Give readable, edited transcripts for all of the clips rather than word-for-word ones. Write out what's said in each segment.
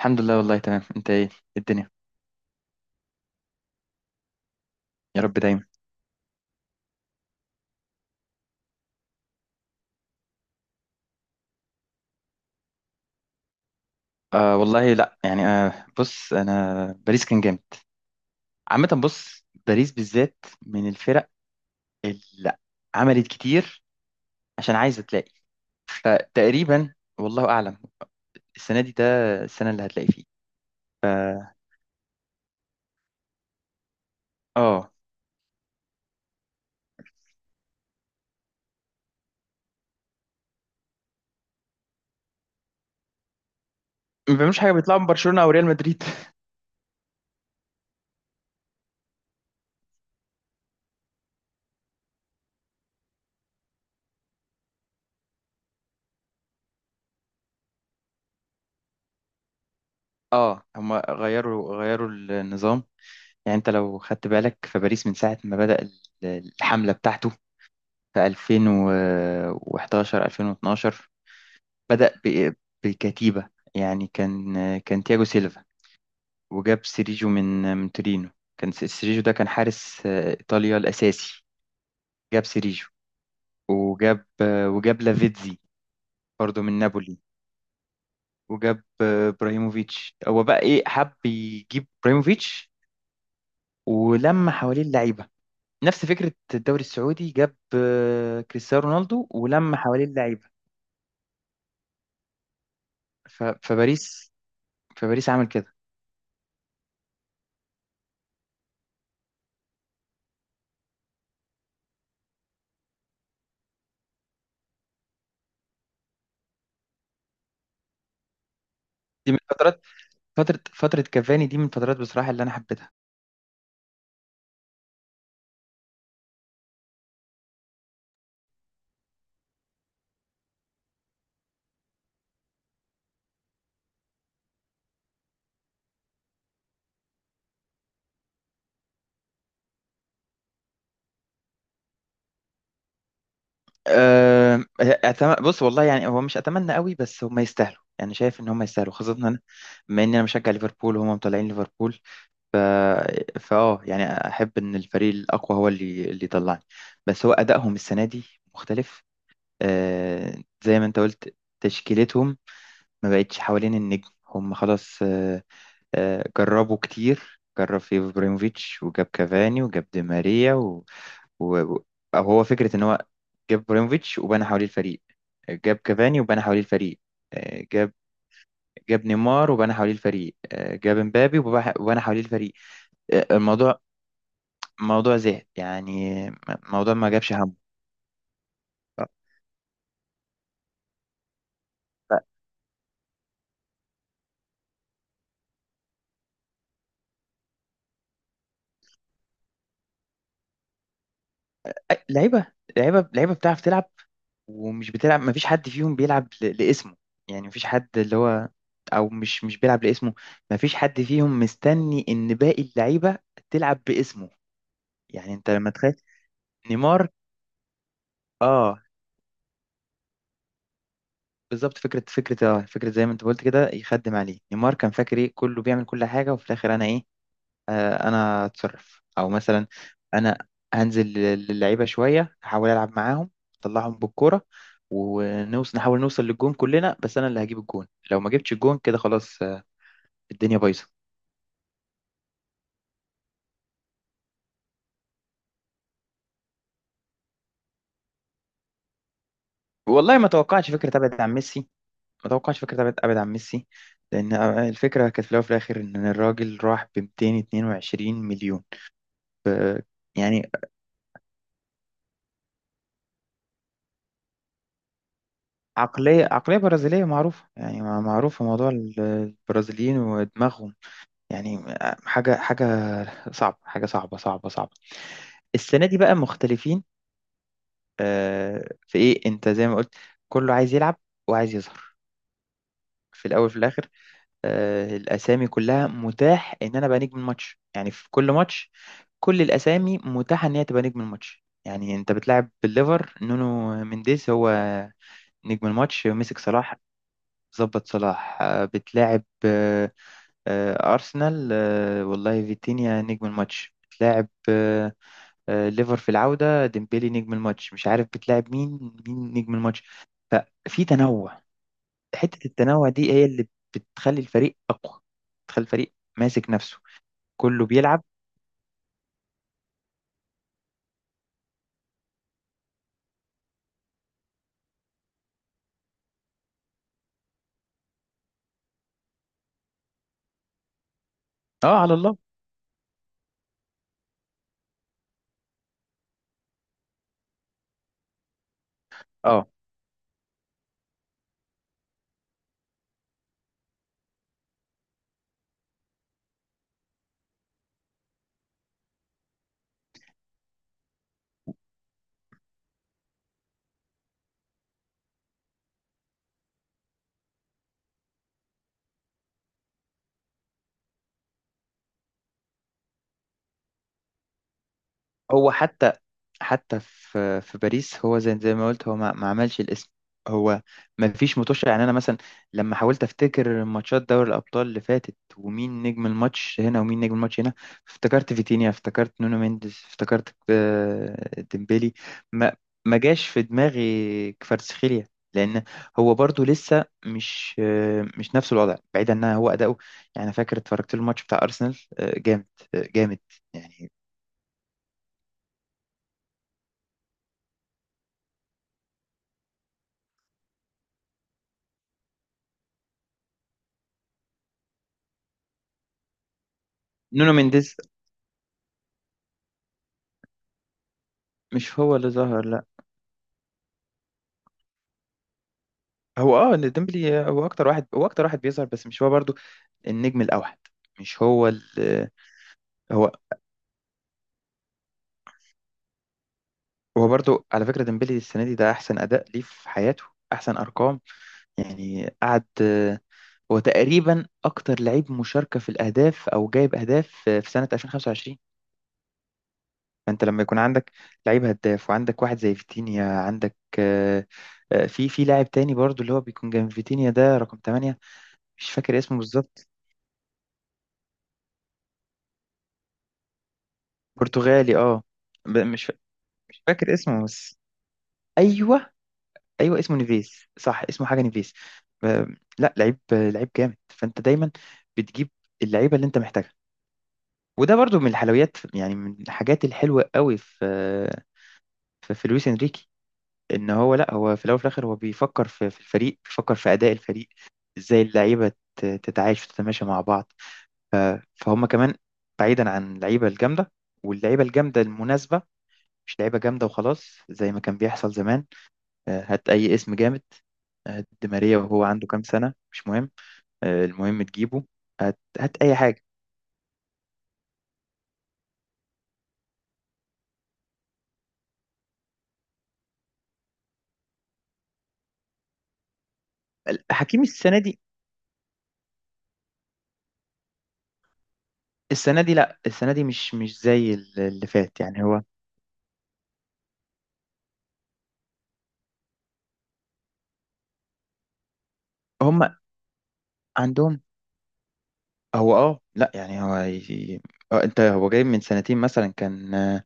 الحمد لله، والله تمام. انت ايه، إيه الدنيا؟ يا رب دايما. والله، لا يعني، بص، انا باريس كان جامد عامة. بص، باريس بالذات من الفرق اللي عملت كتير عشان عايزة تلاقي، فتقريبا والله اعلم السنة دي، ده السنة اللي هتلاقي فيه. اه، ما بيعملوش حاجة، بيطلعوا من برشلونة او ريال مدريد. اه، هم غيروا النظام. يعني انت لو خدت بالك، فباريس من ساعة ما بدأ الحملة بتاعته في 2011 2012، بدأ بكتيبة. يعني كان تياجو سيلفا، وجاب سيريجو من تورينو. كان سيريجو ده كان حارس إيطاليا الأساسي. جاب سيريجو، وجاب وجاب لافيتزي برضه من نابولي. وجاب ابراهيموفيتش. هو بقى ايه، حب يجيب ابراهيموفيتش ولما حواليه اللعيبة، نفس فكرة الدوري السعودي. جاب كريستيانو رونالدو ولما حواليه اللعيبة. ف- فباريس فباريس عمل كده. دي من فترات، فترة كافاني دي من الفترات بصراحة اللي أنا حبيتها. بص، والله يعني هو مش اتمنى قوي، بس هم يستاهلوا. يعني شايف ان هم يستاهلوا، خاصه إن انا، بما اني انا مشجع ليفربول وهم مطلعين ليفربول. ف فاه يعني احب ان الفريق الاقوى هو اللي يطلعني. بس هو ادائهم السنه دي مختلف. أه، زي ما انت قلت تشكيلتهم ما بقتش حوالين النجم، هم خلاص. أه، أه، جربوا كتير. جرب في ابراهيموفيتش، وجاب كافاني، وجاب دي ماريا و... و- أو هو فكرة إن هو جاب ابراهيموفيتش وبنى حواليه الفريق، جاب كافاني وبنى حواليه الفريق، آه، جاب جاب نيمار وبنى حواليه الفريق، جاب مبابي وبنى حواليه الفريق. الموضوع، موضوع زهق يعني. م- موضوع ما جابش همه. ف- لعيبة، لعيبة بتعرف تلعب ومش بتلعب. ما فيش حد فيهم بيلعب لاسمه. يعني ما فيش حد اللي هو، او مش بيلعب لاسمه. ما فيش حد فيهم مستني ان باقي اللعيبة تلعب باسمه. يعني انت لما تخيل نيمار. اه، بالظبط. فكرة زي ما انت قلت كده، يخدم عليه نيمار. كان فاكر ايه، كله بيعمل كل حاجة، وفي الآخر أنا ايه، أنا أتصرف. أو مثلا أنا هنزل للعيبة شوية، أحاول ألعب معاهم، أطلعهم بالكورة، نحاول نوصل للجون كلنا، بس أنا اللي هجيب الجون. لو ما جبتش الجون كده خلاص، آه، الدنيا بايظة. والله ما توقعتش فكرة أبعد عن ميسي. ما توقعتش فكرة أبعد عن ميسي، لأن الفكرة كانت في الأول وفي الآخر إن الراجل راح ب 222 مليون. يعني عقلية برازيلية معروفة. يعني معروفة موضوع البرازيليين ودماغهم. يعني حاجة صعبة، حاجة صعبة صعبة صعبة. السنة دي بقى مختلفين. في إيه، أنت زي ما قلت كله عايز يلعب وعايز يظهر في الأول في الآخر. الأسامي كلها متاح إن أنا أبقى نجم الماتش، يعني في كل ماتش كل الأسامي متاحة إن هي تبقى نجم الماتش. يعني أنت بتلعب بالليفر، نونو مينديز هو نجم الماتش، مسك صلاح، ظبط صلاح. بتلاعب أرسنال، والله فيتينيا نجم الماتش. بتلاعب ليفر في العودة، ديمبلي نجم الماتش. مش عارف بتلاعب مين نجم الماتش. ففي تنوع. حتة التنوع دي هي اللي بتخلي الفريق أقوى، بتخلي الفريق ماسك نفسه، كله بيلعب. اه على الله. اه، هو حتى، حتى في باريس هو زي ما قلت، هو ما عملش الاسم. هو ما فيش متوشة. يعني انا مثلا لما حاولت افتكر ماتشات دوري الابطال اللي فاتت، ومين نجم الماتش هنا ومين نجم الماتش هنا، افتكرت فيتينيا، افتكرت نونو مينديز، افتكرت ديمبيلي. ما ما جاش في دماغي كفاراتسخيليا، لان هو برضو لسه مش مش نفس الوضع، بعيدا ان هو اداؤه. يعني أنا فاكر اتفرجت له الماتش بتاع ارسنال، جامد، جامد. يعني نونو مينديز مش هو اللي ظهر، لا. هو اه، إن ديمبلي هو اكتر واحد، هو اكتر واحد بيظهر، بس مش هو برضو النجم الاوحد، مش هو ال. هو هو برضو على فكرة ديمبلي السنة دي ده احسن اداء ليه في حياته، احسن ارقام. يعني قعد، هو تقريبا اكتر لعيب مشاركة في الاهداف او جايب اهداف في سنة 2025. فانت لما يكون عندك لعيب هداف، وعندك واحد زي فيتينيا، عندك في لاعب تاني برضو اللي هو بيكون جنب فيتينيا ده رقم 8، مش فاكر اسمه بالظبط. برتغالي اه. ب- مش فا- مش فاكر اسمه، بس ايوه، ايوه اسمه نيفيز صح، اسمه حاجه نيفيز. لا، لعيب جامد. فانت دايما بتجيب اللعيبه اللي انت محتاجها. وده برضو من الحلويات، يعني من الحاجات الحلوه قوي في في لويس انريكي. ان هو لا، هو في الاول وفي الاخر هو بيفكر في الفريق، بيفكر في اداء الفريق، ازاي اللعيبه تتعايش وتتماشى مع بعض. فهم كمان، بعيدا عن اللعيبه الجامده، واللعيبه الجامده المناسبه، مش لعيبه جامده وخلاص زي ما كان بيحصل زمان. هات أي اسم جامد، هات دي ماريا وهو عنده كام سنة، مش مهم. المهم تجيبه. هات أي حاجة. حكيمي السنة دي، السنة دي لأ، السنة دي مش زي اللي فات. يعني هو، هم عندهم. هو اه لأ، يعني هو اه، انت هو جاي من سنتين مثلا، كان آه،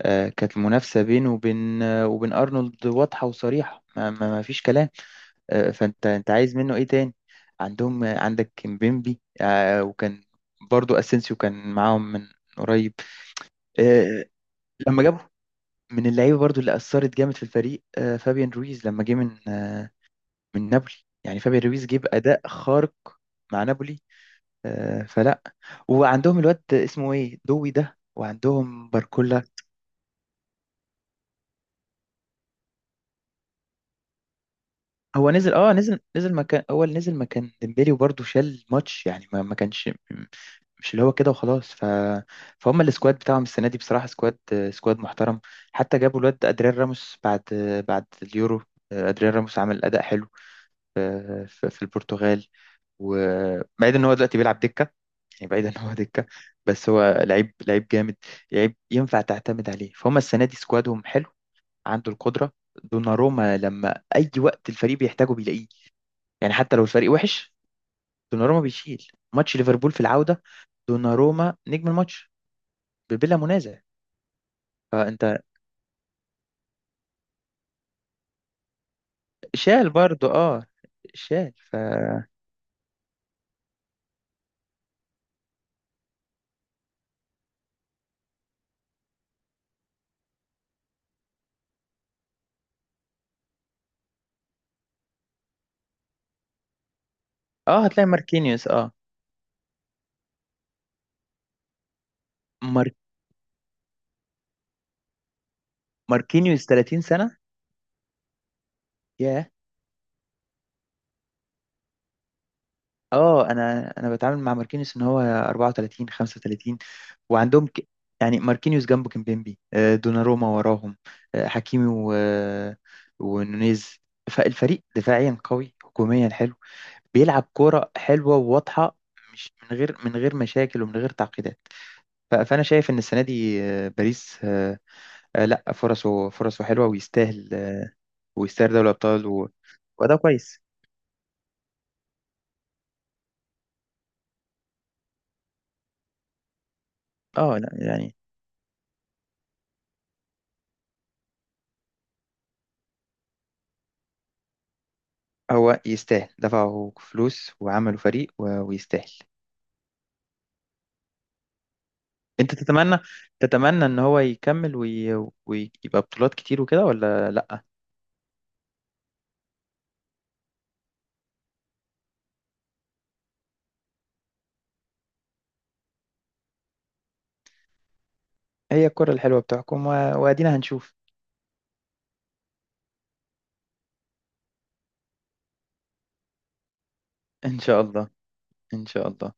آه، كانت المنافسة بينه وبين أرنولد واضحة وصريحة، ما فيش كلام. فانت عايز منه ايه تاني، عندهم عندك كيمبيمبي وكان برضو اسينسيو كان معاهم من قريب. آه، لما جابوا من اللعيبه برضو اللي اثرت جامد في الفريق، فابيان رويز لما جه من نابولي. يعني فابيان رويز جه باداء خارق مع نابولي. فلا، وعندهم الواد اسمه ايه، دوي ده، وعندهم باركولا. هو نزل، اه، نزل مكان اول، نزل مكان ديمبلي، وبرضه شال ماتش. يعني ما كانش مش اللي هو كده وخلاص. فهم السكواد بتاعهم السنه دي بصراحه، سكواد محترم. حتى جابوا الواد ادريان راموس بعد، بعد اليورو. ادريان راموس عمل اداء حلو في البرتغال. وبعيد ان هو دلوقتي بيلعب دكه، يعني بعيد ان هو دكه. بس هو لعيب جامد، لعيب ينفع تعتمد عليه. فهم السنه دي سكوادهم حلو، عنده القدره. دوناروما، لما اي وقت الفريق بيحتاجه بيلاقيه. يعني حتى لو الفريق وحش، دوناروما بيشيل. ماتش ليفربول في العودة، دوناروما نجم الماتش بلا منازع. فانت، شال برضو اه، شال. اه، هتلاقي ماركينيوس. اه، مار... ماركينيوس 30 سنة، ياه. اه، انا بتعامل مع ماركينيوس ان هو 34 35. وعندهم يعني ماركينيوس جنبه كيمبيمبي، دوناروما وراهم، حكيمي و... آه، ونونيز. فالفريق دفاعيا قوي، هجوميا حلو، بيلعب كورة حلوة وواضحة، مش من غير مشاكل ومن غير تعقيدات. فأنا شايف إن السنة دي باريس لا، فرصه حلوة ويستاهل، ويستاهل دوري الأبطال وده كويس. اه لا يعني، هو يستاهل، دفعوا فلوس وعملوا فريق ويستاهل. أنت تتمنى، إن هو يكمل ويبقى بطولات كتير وكده ولا لا؟ هي الكرة الحلوة بتحكم، وأدينا هنشوف. إن شاء الله، إن شاء الله.